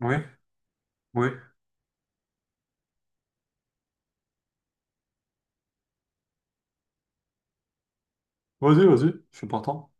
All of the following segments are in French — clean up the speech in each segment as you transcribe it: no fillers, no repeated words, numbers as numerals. Oui, oui. Vas-y, vas-y, je suis partant.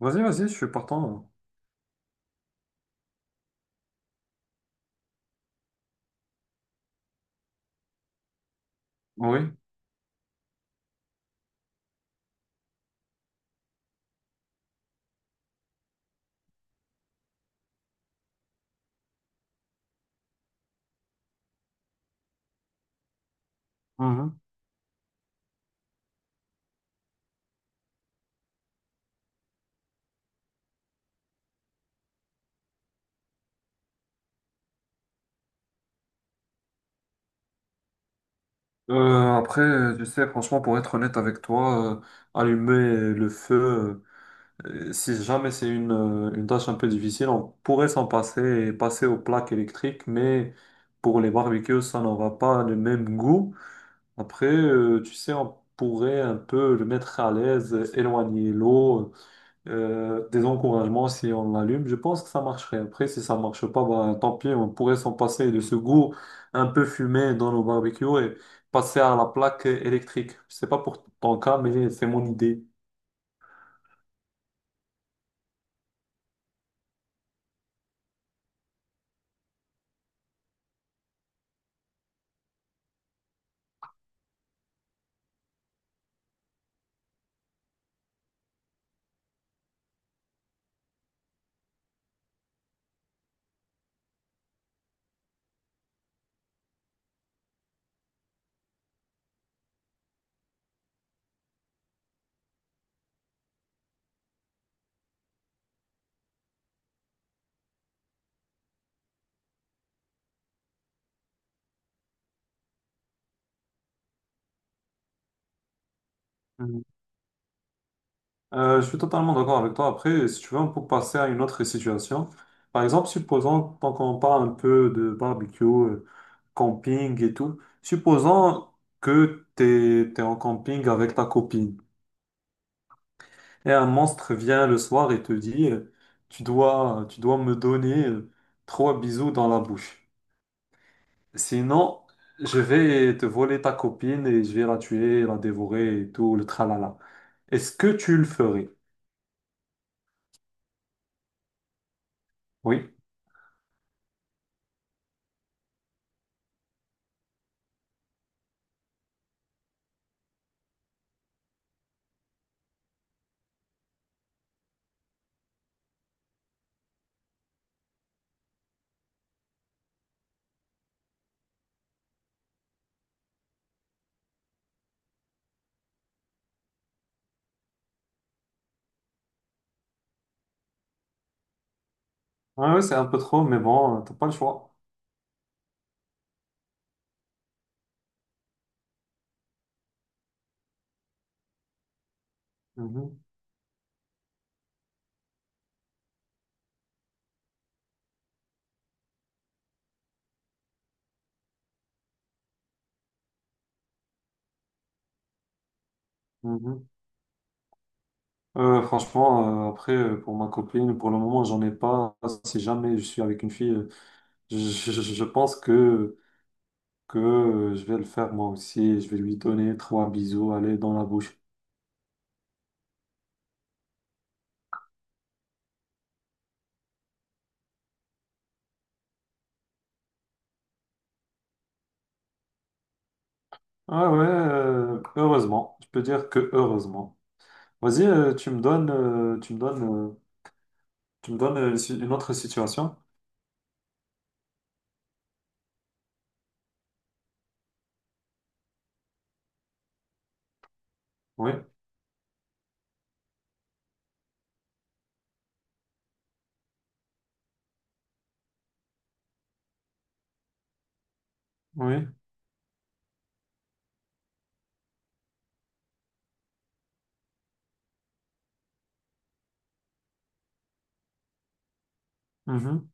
Vas-y, vas-y, je suis partant. Oui. Mhm. Après, tu sais, franchement, pour être honnête avec toi, allumer le feu, si jamais c'est une tâche un peu difficile, on pourrait s'en passer et passer aux plaques électriques, mais pour les barbecues, ça n'aura pas le même goût. Après, tu sais, on pourrait un peu le mettre à l'aise, éloigner l'eau, des encouragements si on l'allume. Je pense que ça marcherait. Après, si ça marche pas, bah, tant pis, on pourrait s'en passer de ce goût un peu fumé dans nos barbecues et passer à la plaque électrique. Je sais pas pour ton cas, mais c'est mon idée. Mhm. Je suis totalement d'accord avec toi. Après, si tu veux, on peut passer à une autre situation. Par exemple, supposons, tant qu'on parle un peu de barbecue, camping et tout, supposons que tu es en camping avec ta copine. Et un monstre vient le soir et te dit, tu dois me donner trois bisous dans la bouche. Sinon, je vais te voler ta copine et je vais la tuer, la dévorer et tout, le tralala. Est-ce que tu le ferais? Oui. Ouais, ouais, c'est un peu trop, mais bon, t'as pas le choix. Mhm, mhm. Franchement, pour ma copine, pour le moment, j'en ai pas. Si jamais je suis avec une fille, je, je pense que, que je vais le faire moi aussi. Je vais lui donner trois bisous, aller dans la bouche. Ah ouais, heureusement. Je peux dire que heureusement. Vas-y, tu me donnes, tu me donnes, euh, tu me donnes une autre situation. Oui, oui. Mhm.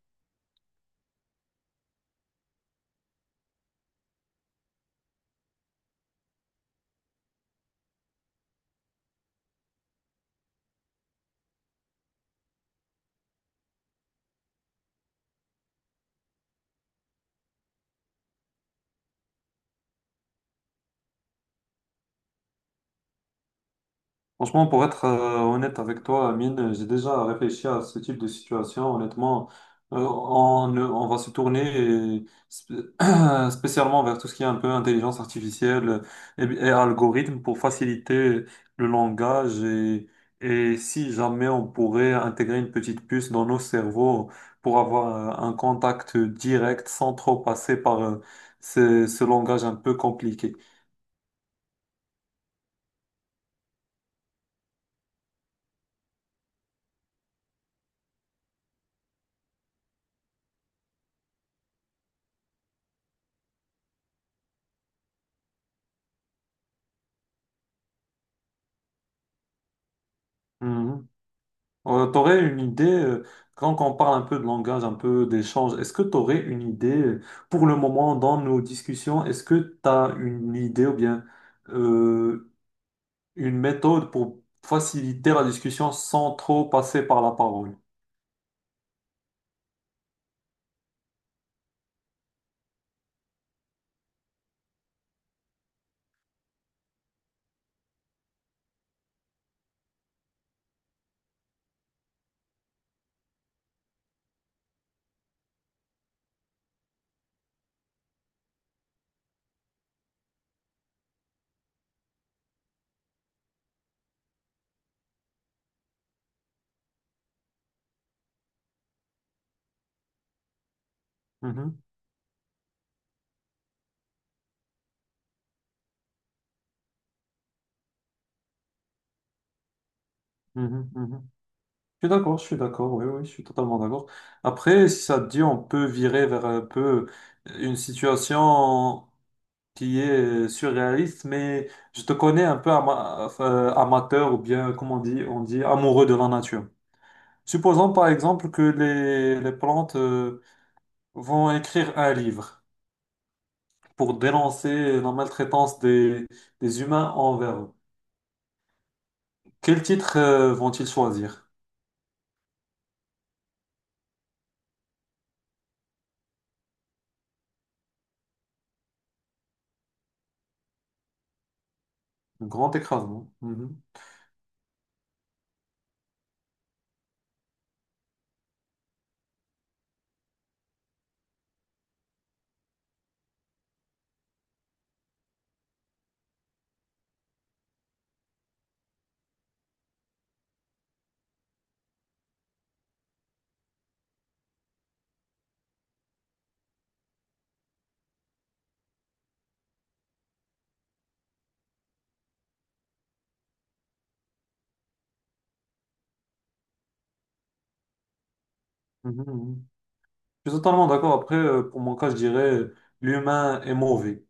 Franchement, pour être honnête avec toi, Amine, j'ai déjà réfléchi à ce type de situation. Honnêtement, on va se tourner et spé- spécialement vers tout ce qui est un peu intelligence artificielle et algorithme pour faciliter le langage. Et si jamais on pourrait intégrer une petite puce dans nos cerveaux pour avoir un contact direct sans trop passer par ce langage un peu compliqué. Mmh. T'aurais une idée, quand on parle un peu de langage, un peu d'échange, est-ce que t'aurais une idée, pour le moment, dans nos discussions, est-ce que t'as une idée ou bien euh, une méthode pour faciliter la discussion sans trop passer par la parole? Mhm, mhm, mhm. Je suis d'accord, oui, oui, je suis totalement d'accord. Après, si ça te dit, on peut virer vers un peu une situation qui est surréaliste, mais je te connais un peu amateur ou bien, comment on dit amoureux de la nature. Supposons par exemple que les plantes vont écrire un livre pour dénoncer la maltraitance des humains envers eux. Quel titre vont-ils choisir? Un grand écrasement. Mhm. Mhm, mhm. Je suis totalement d'accord. Après, pour mon cas, je dirais l'humain est mauvais.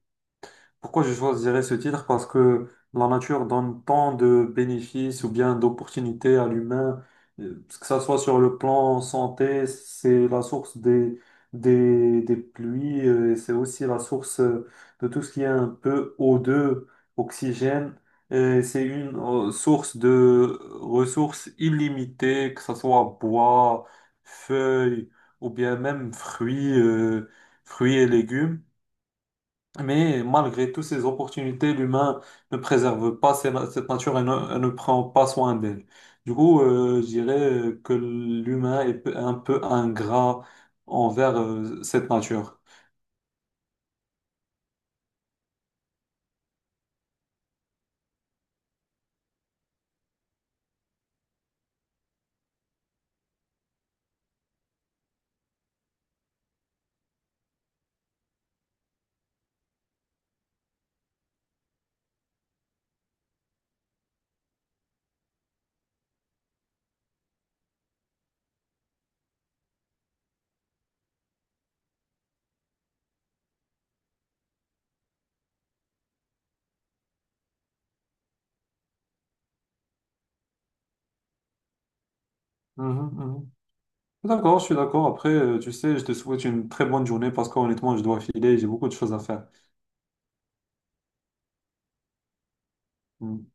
Pourquoi je choisirais ce titre? Parce que la nature donne tant de bénéfices ou bien d'opportunités à l'humain, que ça soit sur le plan santé, c'est la source des pluies, et c'est aussi la source de tout ce qui est un peu O2, oxygène. Et c'est une source de ressources illimitées, que ce soit bois, feuilles ou bien même fruits, fruits et légumes. Mais malgré toutes ces opportunités, l'humain ne préserve pas cette nature et ne prend pas soin d'elle. Du coup, je dirais que l'humain est un peu ingrat envers cette nature. Mhm, mhm. D'accord, je suis d'accord. Après, tu sais, je te souhaite une très bonne journée parce qu'honnêtement, je dois filer, j'ai beaucoup de choses à faire. Mhm.